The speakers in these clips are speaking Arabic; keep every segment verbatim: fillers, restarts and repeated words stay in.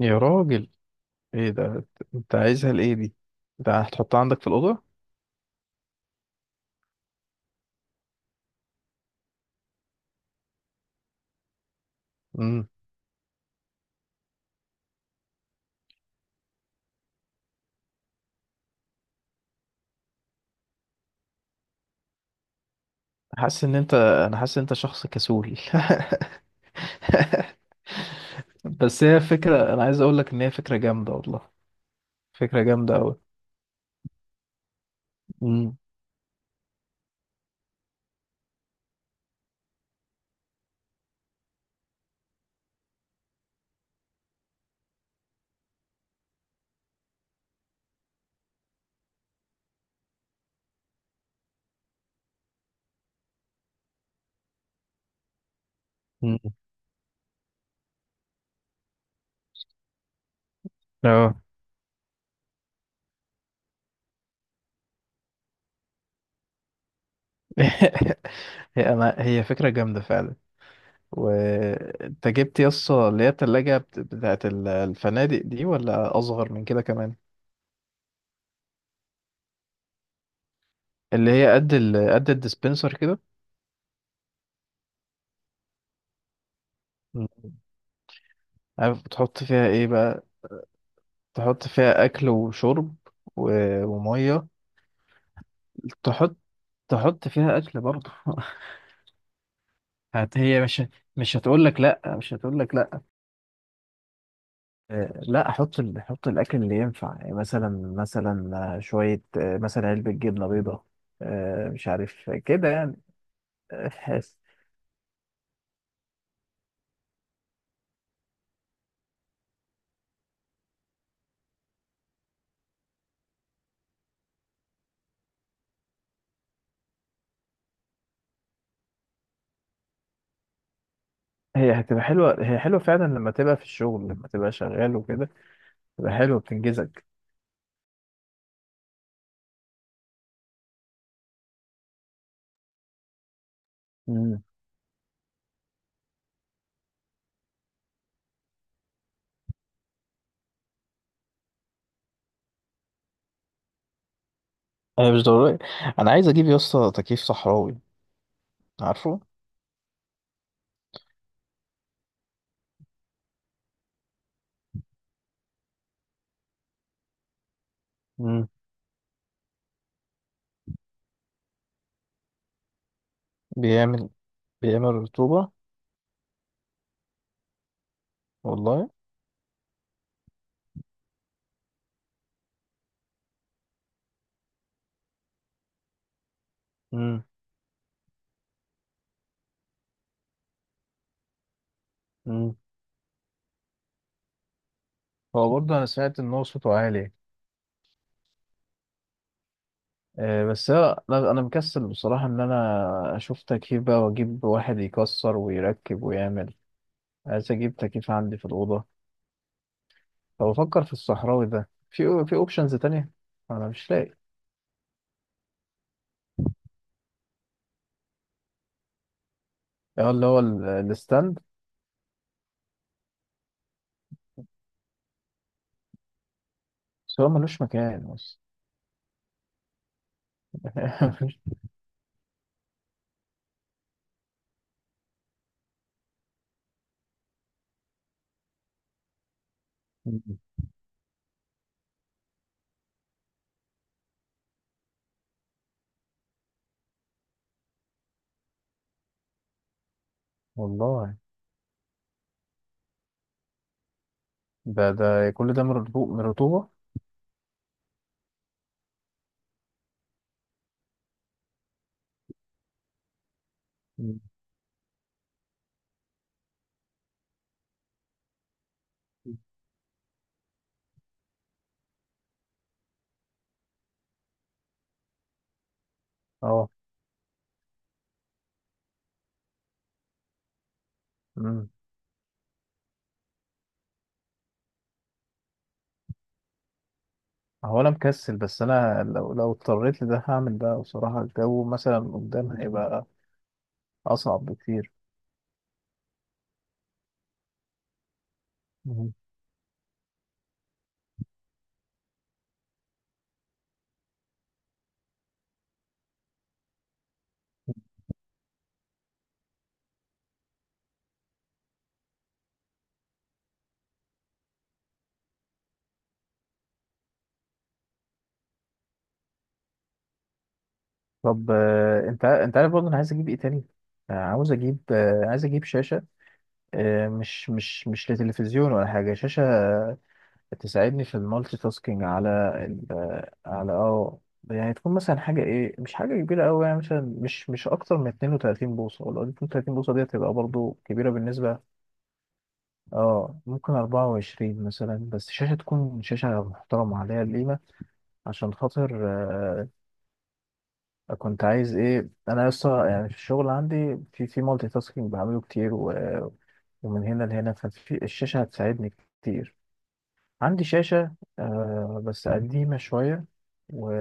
يا راجل، ايه ده؟ انت عايزها لايه دي؟ ده هتحطها عندك في الاوضه؟ امم. حاسس ان انت انا حاسس ان انت شخص كسول. بس هي فكره، انا عايز اقول لك ان هي فكره جامده والله. فكره جامده قوي. امم. أمم. اه. هي انا هي فكره جامده فعلا. وانت جبت يسطا اللي هي التلاجة بت- بتاعت ال- الفنادق دي ولا اصغر من كده كمان؟ اللي هي قد ال... قد الديسبنسر كده؟ مم. عارف بتحط فيها ايه بقى؟ تحط فيها اكل وشرب و- وميه؟ تحط تحط فيها اكل برضه؟ هت هي مش مش هتقول لك لا. مش هتقول لك لا. آه، لا احط ال... احط الاكل اللي ينفع، يعني مثلا مثلا، آه، شويه، آه، مثلا علبه جبنه بيضاء، آه، مش عارف كده يعني. آه، حس- هي هتبقى حلوه، هي حلوه فعلا لما تبقى في الشغل، لما تبقى شغال وكده. تبقى حلوه بتنجزك. امم. انا مش ضروري. انا عايز اجيب يا اسطى تكييف صحراوي. عارفه؟ امم. بيعمل بيعمل رطوبة؟ والله. امم. امم. هو برضه انا سمعت ان هو صوته عالي. آه، بس انا انا مكسل بصراحه، ان انا اشوف تكييف بقى واجيب واحد يكسر ويركب ويعمل. عايز اجيب تكييف عندي في الاوضه، فبفكر في الصحراوي ده، في في اوبشنز تانية. انا مش لاقي. هو اللي هو ال- الستاند. بس هو ملوش مكان بس. والله. ده ده كل ده من الرطو- من الرطوبه. مم. اه. هو انا مكسل، بس انا لو لو اضطريت لده هعمل ده بصراحة. الجو مثلا قدام هيبقى اصعب بكتير. مم. طب، آه، انت انت عارف برضه، انا عايز اجيب ايه تاني؟ آه، عاوز اجيب، آه، عايز اجيب شاشة. آه، مش مش مش لتلفزيون ولا حاجة، شاشة، آه، تساعدني في المالتي تاسكينج على ال آه، على اه. يعني تكون مثلا حاجة ايه، مش حاجة كبيرة قوي، يعني مثلا مش مش اكتر من اثنين وثلاثين بوصة، ولا اتنين وتلاتين بوصة دي هتبقى برضه كبيرة بالنسبة. اه، ممكن أربعة وعشرين مثلا، بس شاشة، تكون شاشة محترمة عليها القيمة، عشان خاطر. آه. كنت عايز ايه، أنا لسه يعني في الشغل عندي في في مالتي تاسكينج بعمله كتير و- ومن هنا لهنا. ففي الشاشة هتساعدني كتير. عندي شاشة آه بس قديمة شوية و...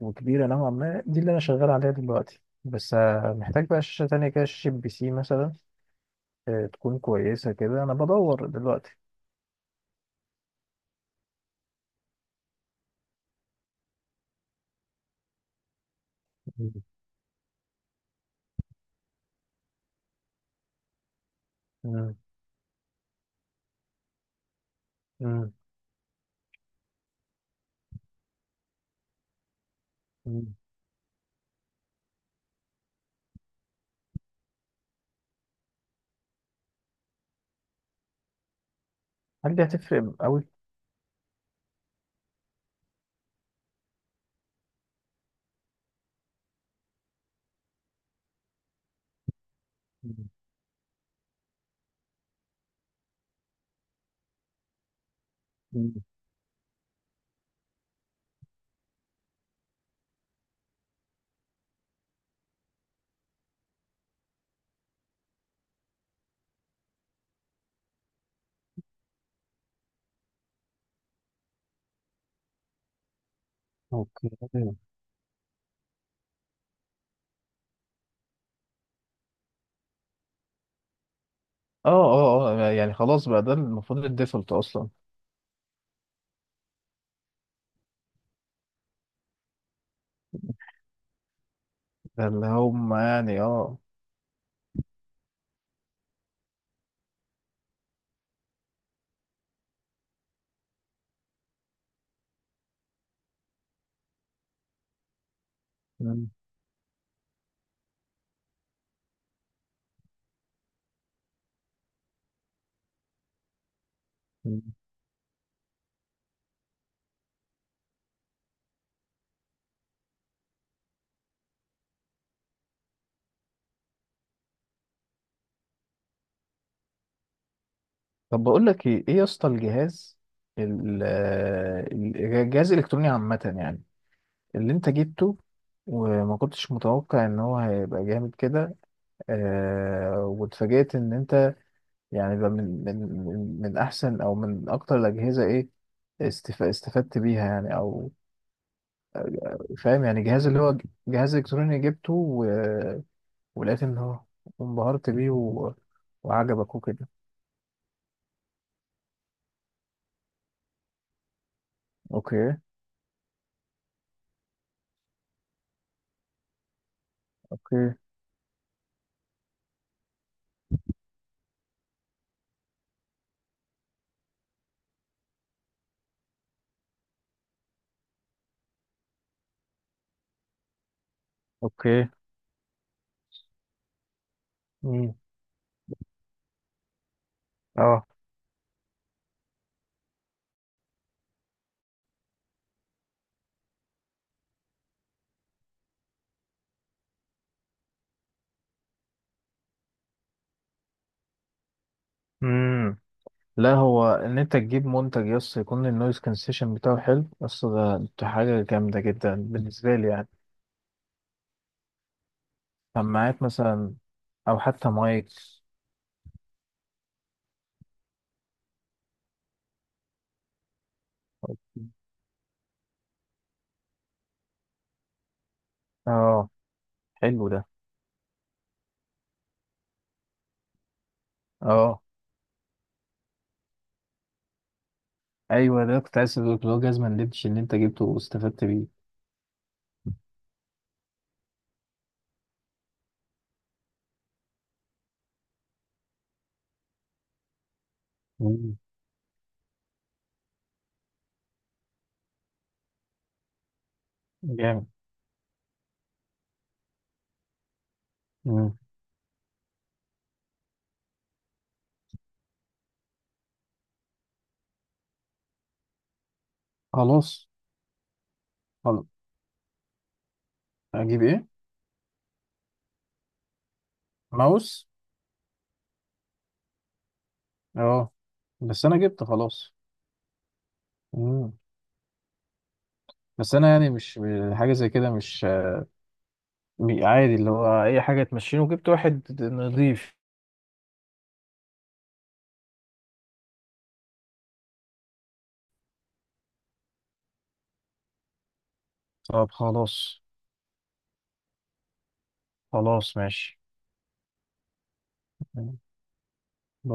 وكبيرة نوعا ما، دي اللي أنا شغال عليها دلوقتي، بس آه محتاج بقى شاشة تانية كده، شاشة بي سي مثلا، آه تكون كويسة كده، أنا بدور دلوقتي. مم. مم. مم. هل دي هتفرق قوي؟ مم. مم. اوكي. اه اه اه، يعني خلاص بقى، ده المفروض الديفولت اصلا. ده اللي هم يعني اه. مم. مم. طب بقول لك ايه، ايه يا اسطى، الجهاز، ال- ال- الجهاز الالكتروني عامه يعني، اللي انت جبته، وما كنتش متوقع ان هو هيبقى جامد كده، آه واتفاجئت ان انت، يعني بقى من من من من احسن او من اكتر الاجهزه ايه، استف- استفدت بيها يعني، او فاهم؟ يعني جهاز اللي هو جهاز الكتروني جبته و... ولقيت ان هو انبهرت بيه و... وعجبك وكده. اوكي. اوكي. اوكي. مم. اه. امم. لا، هو ان انت تجيب منتج يس يكون النويز كانسيشن بتاعه حلو، بس ده ده حاجه جامده جدا بالنسبه لي يعني. سماعات مثلا، او حتى مايك. اه. حلو ده. اه ايوه، ده كنت عايز اقول لك، اللي هو جزمه اللبش اللي انت جبته واستفدت بيه. مم. جامد. مم. خلاص. اجيب ايه؟ ماوس؟ اه بس انا جبت خلاص. مم. بس انا يعني مش، حاجه زي كده مش، م- عادي، اللي هو اي حاجه تمشيني وجبت واحد نضيف. طب خلاص. خلاص ماشي. مم.